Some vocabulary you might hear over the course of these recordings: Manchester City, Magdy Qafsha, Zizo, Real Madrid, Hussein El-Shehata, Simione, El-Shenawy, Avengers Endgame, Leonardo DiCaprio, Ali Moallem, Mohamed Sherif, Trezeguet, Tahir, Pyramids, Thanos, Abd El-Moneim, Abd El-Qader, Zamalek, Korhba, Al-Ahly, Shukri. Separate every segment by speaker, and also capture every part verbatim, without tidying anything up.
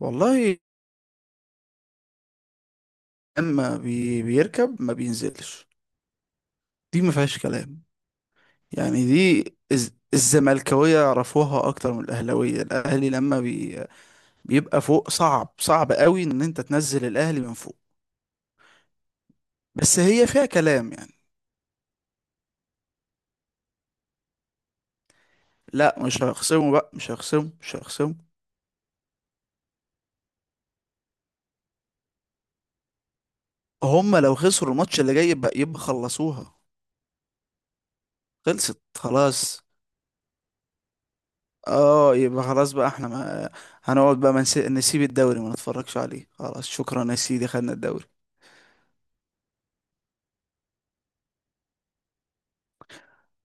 Speaker 1: والله. لما بي بيركب ما بينزلش، دي ما فيهاش كلام. يعني دي الز- الزملكاوية يعرفوها اكتر من الاهلاوية. الاهلي لما بي بيبقى فوق صعب صعب قوي ان انت تنزل الاهلي من فوق. بس هي فيها كلام يعني. لا مش هيخصموا بقى، مش هيخصموا، مش هيخصموا. هم لو خسروا الماتش اللي جاي يبقى يبقى خلصوها، خلصت خلاص. اه، يبقى خلاص بقى. احنا ما هنقعد بقى ما نسي- نسيب الدوري، ما نتفرجش عليه خلاص. شكرا يا سيدي، خدنا الدوري.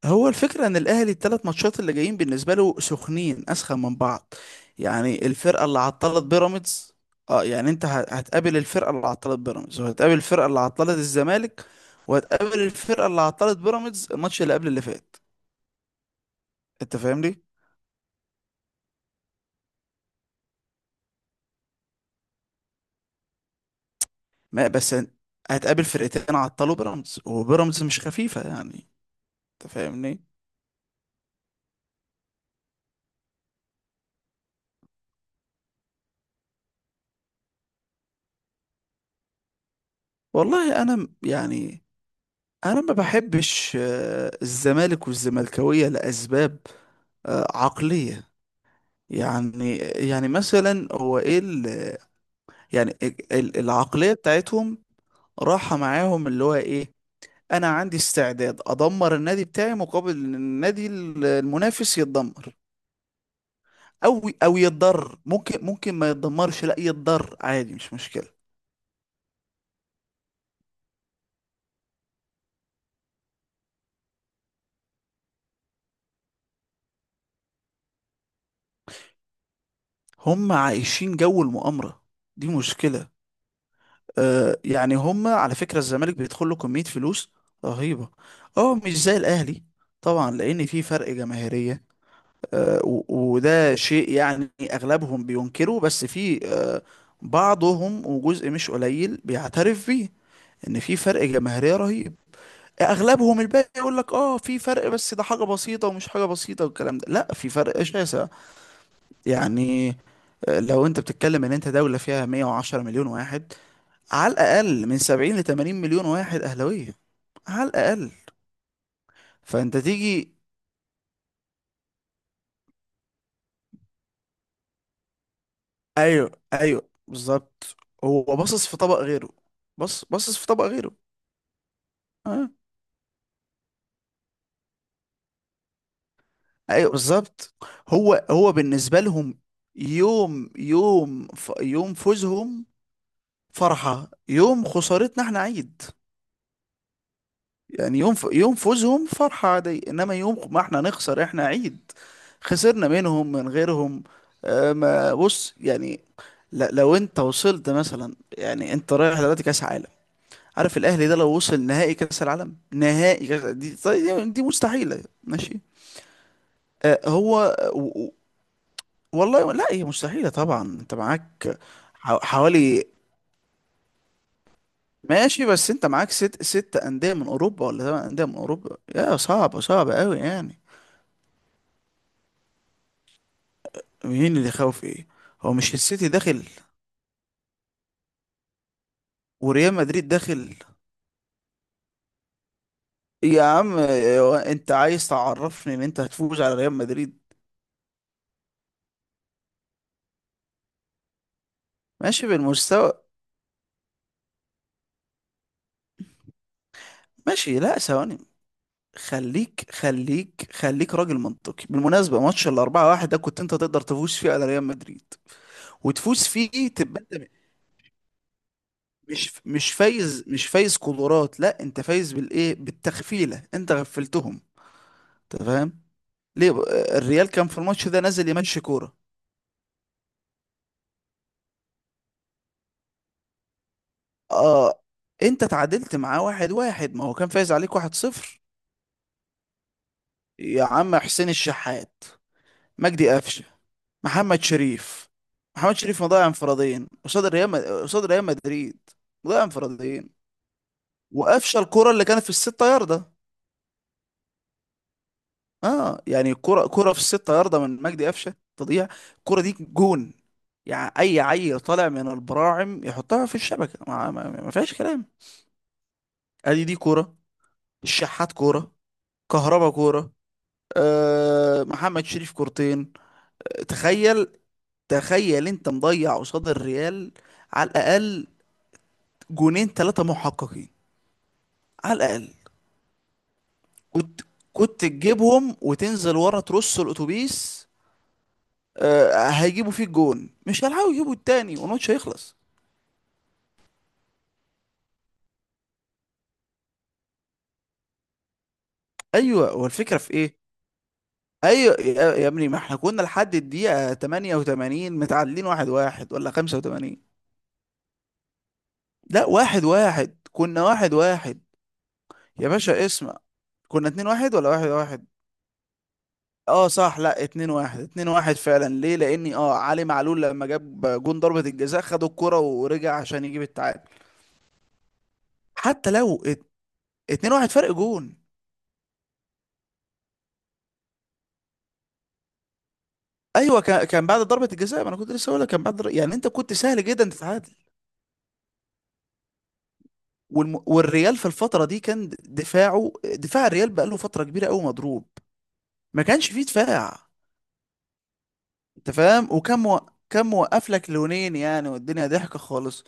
Speaker 1: هو الفكرة ان الاهلي الثلاث ماتشات اللي جايين بالنسبة له سخنين، اسخن من بعض. يعني الفرقة اللي عطلت بيراميدز. اه يعني انت ه- هتقابل الفرقة اللي عطلت بيراميدز، وهتقابل الفرقة اللي عطلت الزمالك، وهتقابل الفرقة اللي عطلت بيراميدز الماتش اللي قبل اللي فات. انت فاهمني؟ ما بس هتقابل فرقتين عطلوا بيراميدز، وبيراميدز مش خفيفة يعني. انت فاهمني؟ والله انا م- يعني انا ما بحبش آه، الزمالك والزملكاوية لاسباب آه، عقلية. يعني يعني مثلا هو ايه ال... يعني ال- العقلية بتاعتهم، راحة معاهم اللي هو ايه. انا عندي استعداد ادمر النادي بتاعي مقابل ان النادي ال- المنافس يتدمر، او او يتضر، ممكن ممكن ما يتدمرش، لا يتضر عادي، مش مشكلة. هم عايشين جو المؤامرة، دي مشكلة. آه، يعني هم على فكرة الزمالك بيدخل له كمية فلوس رهيبة، اه مش زي الاهلي طبعا، لان في فرق جماهيرية. آه، و- وده شيء يعني أغلبهم بينكره، بس في آه، بعضهم وجزء مش قليل بيعترف بيه، إن في فرق جماهيرية رهيب. أغلبهم الباقي يقول لك آه في فرق، بس ده حاجة بسيطة ومش حاجة بسيطة والكلام ده. لا، في فرق شاسع يعني. آه، لو أنت بتتكلم إن أنت دولة فيها مية وعشرة مليون واحد، على الأقل من سبعين ل تمانين مليون واحد أهلاوية، على الأقل. فأنت تيجي. ايوه ايوه بالظبط. هو باصص في طبق غيره، بص باصص في طبق غيره. اه، ايوه بالظبط. هو هو بالنسبه لهم يوم يوم ف يوم فوزهم فرحه، يوم خسارتنا احنا عيد. يعني يوم ف يوم فوزهم فرحه عادي، انما يوم ما احنا نخسر احنا عيد، خسرنا منهم من غيرهم. آه، ما بص يعني، لا لو انت وصلت مثلا، يعني انت رايح دلوقتي كاس عالم. عارف الاهلي ده لو وصل نهائي كاس العالم، نهائي كاس دي، طيب دي مستحيله، ماشي. آه هو. و- و- والله لا، هي مستحيله طبعا، انت معاك حو- حوالي. ماشي، بس انت معاك ست ست انديه من اوروبا ولا ثمان انديه من اوروبا، يا صعبه صعبه قوي يعني. مين اللي خاوف؟ ايه؟ هو مش السيتي داخل وريال مدريد داخل؟ يا عم هو انت عايز تعرفني ان انت هتفوز على ريال مدريد؟ ماشي بالمستوى. ماشي، لا ثواني، خليك خليك خليك راجل منطقي. بالمناسبة ماتش الأربعة واحد ده كنت أنت تقدر تفوز فيه على ريال مدريد، وتفوز فيه تبقى أنت مش مش فايز مش فايز قدرات. لا أنت فايز بالإيه، بالتغفيلة، أنت غفلتهم. أنت فاهم؟ ليه بقى؟ الريال كان في الماتش ده نازل يمشي كورة. آه، أنت تعادلت معاه واحد واحد، ما هو كان فايز عليك واحد صفر. يا عم حسين الشحات، مجدي قفشة، محمد شريف. محمد شريف مضيع انفرادين قصاد ريال مد- قصاد ريال مدريد. مضيع انفرادين وقفشه الكرة اللي كانت في الستة ياردة. اه يعني كرة كرة في الستة ياردة من مجدي قفشه تضيع، الكرة دي جون. يعني اي عيل طالع من البراعم يحطها في الشبكة، ما, ما, ما فيهاش كلام. ادي دي كرة، الشحات كرة، كهربا كرة، آه محمد شريف كورتين. تخيل، تخيل انت مضيع قصاد الريال على الاقل جونين ثلاثة محققين على الاقل. كنت كنت تجيبهم وتنزل ورا ترص الاتوبيس. آه، هيجيبوا فيه الجون مش هيلحقوا يجيبوا التاني والماتش هيخلص. ايوه هو الفكره في ايه؟ ايوه يا يا ابني، ما احنا كنا لحد الدقيقه تمانية وتمانين متعادلين واحد واحد، ولا خمسة وتمانين. لا، واحد واحد، كنا واحد واحد. يا باشا اسمع، كنا اتنين واحد ولا واحد واحد؟ اه صح، لا اتنين واحد، اتنين واحد فعلا. ليه؟ لاني اه علي معلول لما جاب جون ضربة الجزاء، خد الكرة ورجع عشان يجيب التعادل. حتى لو اتنين واحد فرق جون. ايوه كا- كان بعد ضربه الجزاء، ما انا كنت لسه هقول لك كان بعد ضر- يعني انت كنت سهل جدا تتعادل. والم... والريال في الفتره دي كان دفاعه، دفاع الريال بقاله فتره كبيره قوي مضروب. ما كانش فيه دفاع، انت فاهم؟ وكان مو... كان موقف لك لونين يعني، والدنيا ضحكه خالص.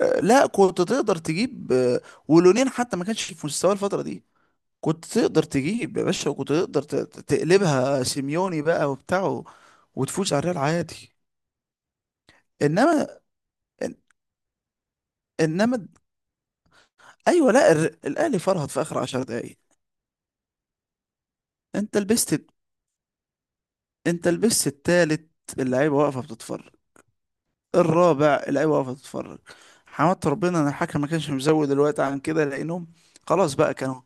Speaker 1: أه لا كنت تقدر تجيب آه، ولونين، حتى ما كانش في مستوى الفتره دي. كنت تقدر تجيب يا باشا، وكنت تقدر ت... ت- تقلبها سيميوني بقى وبتاعه وتفوز على الريال عادي. انما إن- انما ايوه. لا الر- الاهلي فرهط في اخر عشر دقايق. انت لبست انت لبست التالت، اللعيبه واقفه بتتفرج، الرابع اللعيبه واقفه بتتفرج. حمدت ربنا ان الحكم ما كانش مزود الوقت عن كده لانهم خلاص بقى كانوا،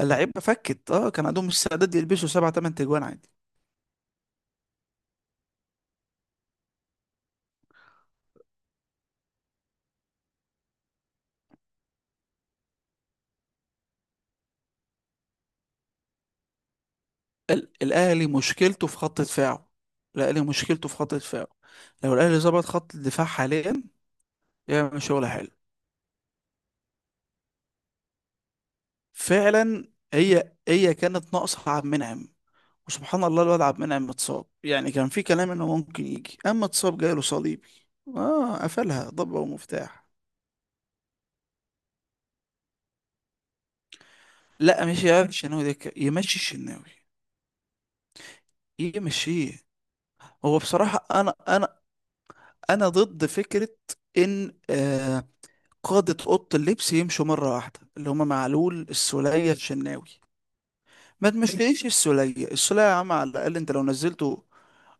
Speaker 1: اللعيبه فكت. اه كان عندهم استعداد يلبسوا سبعة تمن تجوان عادي. ال- الاهلي مشكلته في خط دفاعه، الاهلي مشكلته في خط دفاعه. لو الاهلي ظبط خط الدفاع حاليا يعمل شغل حلو فعلا. هي هي كانت ناقصه عبد المنعم، وسبحان الله الواد عبد المنعم متصاب. يعني كان في كلام انه ممكن يجي، اما اتصاب جاله صليبي، اه، قفلها ضبة ومفتاح. لا مش، يا الشناوي ده يمشي، الشناوي يمشيه. هو بصراحة انا انا انا ضد فكرة ان آه قادة أوضة اللبس يمشوا مرة واحدة، اللي هما معلول السولية الشناوي. ما تمشيش السولية، السولية يا عم على الأقل أنت لو نزلته.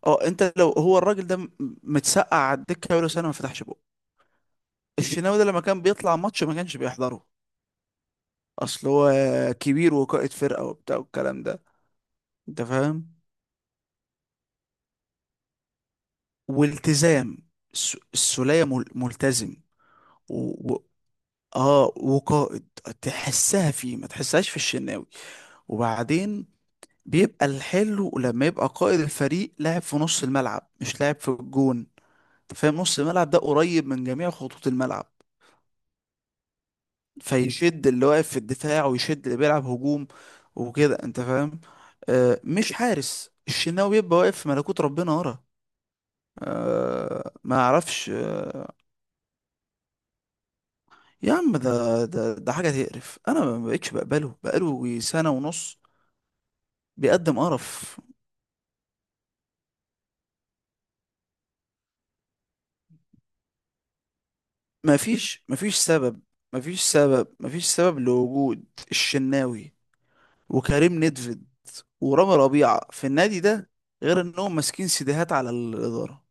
Speaker 1: اه أنت لو هو الراجل ده م- متسقع على الدكة بقاله سنة ما فتحش. الشناوي ده لما كان بيطلع ماتش ما كانش بيحضره. اصل هو كبير وقائد فرقة وبتاع والكلام ده، انت فاهم؟ والتزام. الس- السولية مل- ملتزم. و... و... اه وقائد، تحسها فيه ما تحسهاش في الشناوي. وبعدين بيبقى الحلو لما يبقى قائد الفريق لاعب في نص الملعب، مش لاعب في الجون. انت فاهم؟ نص الملعب ده قريب من جميع خطوط الملعب، فيشد اللي واقف في الدفاع ويشد اللي بيلعب هجوم، وكده، انت فاهم. آه مش حارس الشناوي بيبقى واقف في ملكوت ربنا ورا، آه ما اعرفش. يا عم ده ده ده حاجه تقرف، انا ما بقتش بقبله بقاله سنه ونص، بيقدم قرف. ما فيش ما فيش سبب، ما فيش سبب ما فيش سبب لوجود الشناوي وكريم نيدفيد ورامي ربيعه في النادي ده غير انهم ماسكين سيديهات على الاداره.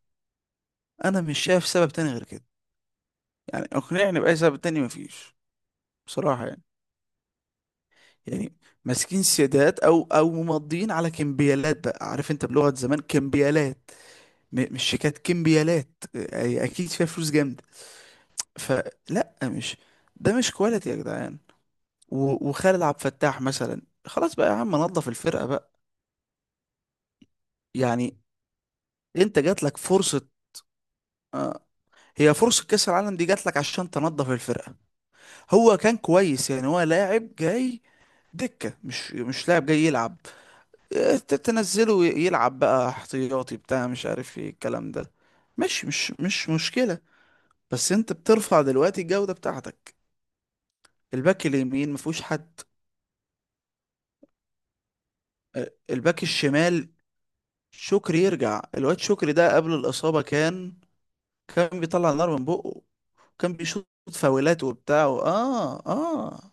Speaker 1: انا مش شايف سبب تاني غير كده، يعني اقنعني بأي سبب تاني، مفيش بصراحة يعني. يعني ماسكين سيادات، او او ممضيين على كمبيالات بقى. عارف انت، بلغة زمان، كمبيالات، م- مش شيكات، كمبيالات، أي- اكيد فيها فلوس جامدة. فلا مش، ده مش كواليتي يا جدعان. و- وخالد عبد الفتاح مثلا خلاص بقى يا عم، نظف الفرقة بقى. يعني انت جات لك فرصة، آه هي فرصة كأس العالم دي جات لك عشان تنظف الفرقة. هو كان كويس يعني، هو لاعب جاي دكة، مش مش لاعب جاي يلعب. آه، ت- تنزله يلعب بقى احتياطي بتاع مش عارف ايه الكلام ده، مش مش مش مشكلة. بس انت بترفع دلوقتي الجودة بتاعتك. الباك اليمين مفهوش حد، آه، الباك الشمال شكري يرجع، الواد شكري ده قبل الإصابة كان كان بيطلع نار من بقه، كان بيشوط فاولات وبتاع و- اه اه.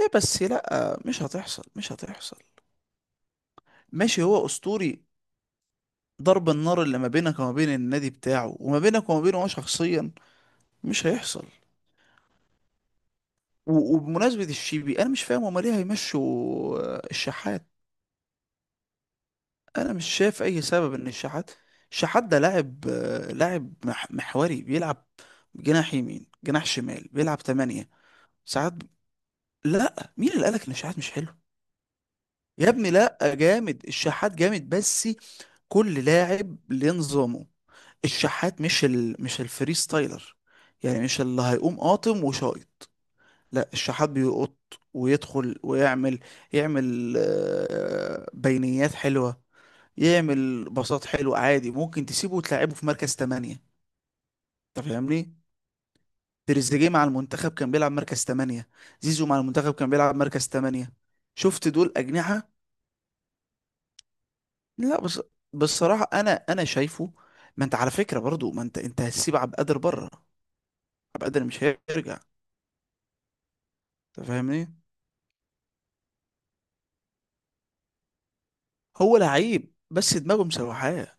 Speaker 1: ايه بس، لا مش هتحصل، مش هتحصل. ماشي، هو أسطوري، ضرب النار اللي ما بينك وما بين النادي بتاعه وما بينك وما بينه هو شخصيا مش هيحصل. و- وبمناسبة الشيبي أنا مش فاهم هما ليه هيمشوا آه، الشحات. أنا مش شايف أي سبب إن الشحات، الشحات ده لاعب آه، لاعب مح- محوري بيلعب جناح يمين، جناح شمال، بيلعب تمانية ساعات ب- لا. مين اللي قالك إن الشحات مش حلو؟ يا ابني لا جامد، الشحات جامد، بس كل لاعب لنظامه. الشحات مش ال... مش الفري ستايلر، يعني مش اللي هيقوم قاطم وشايط، لا الشحات بيقط ويدخل ويعمل، يعمل آه، بينيات حلوة، يعمل باصات حلوة عادي. ممكن تسيبه وتلعبه في مركز تمانية، انت فاهمني؟ تريزيجيه مع المنتخب كان بيلعب مركز تمانية، زيزو مع المنتخب كان بيلعب مركز تمانية، شفت؟ دول أجنحة. لا بس بالصراحة أنا أنا شايفه. ما أنت على فكرة برضو، ما أنت أنت هتسيب عبد القادر بره، عبد القادر مش هيرجع. انت فاهمني؟ هو لعيب بس دماغه مسوحاه،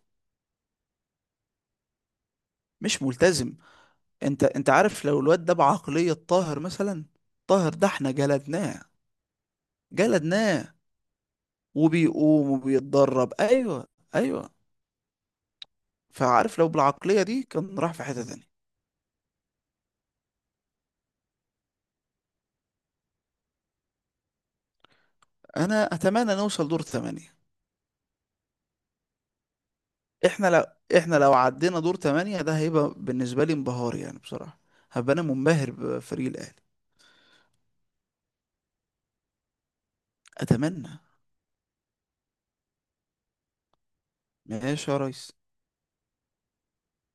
Speaker 1: مش ملتزم. انت انت عارف لو الواد ده بعقلية طاهر مثلا. طاهر ده احنا جلدناه، جلدناه، وبيقوم وبيتدرب، ايوه ايوه. فعارف لو بالعقلية دي كان راح في حتة تانية. انا اتمنى نوصل دور ثمانية. احنا لو احنا لو عدينا دور ثمانية ده هيبقى بالنسبة لي انبهار يعني بصراحة، هبقى انا منبهر بفريق الاهلي. اتمنى. ماشي يا ريس.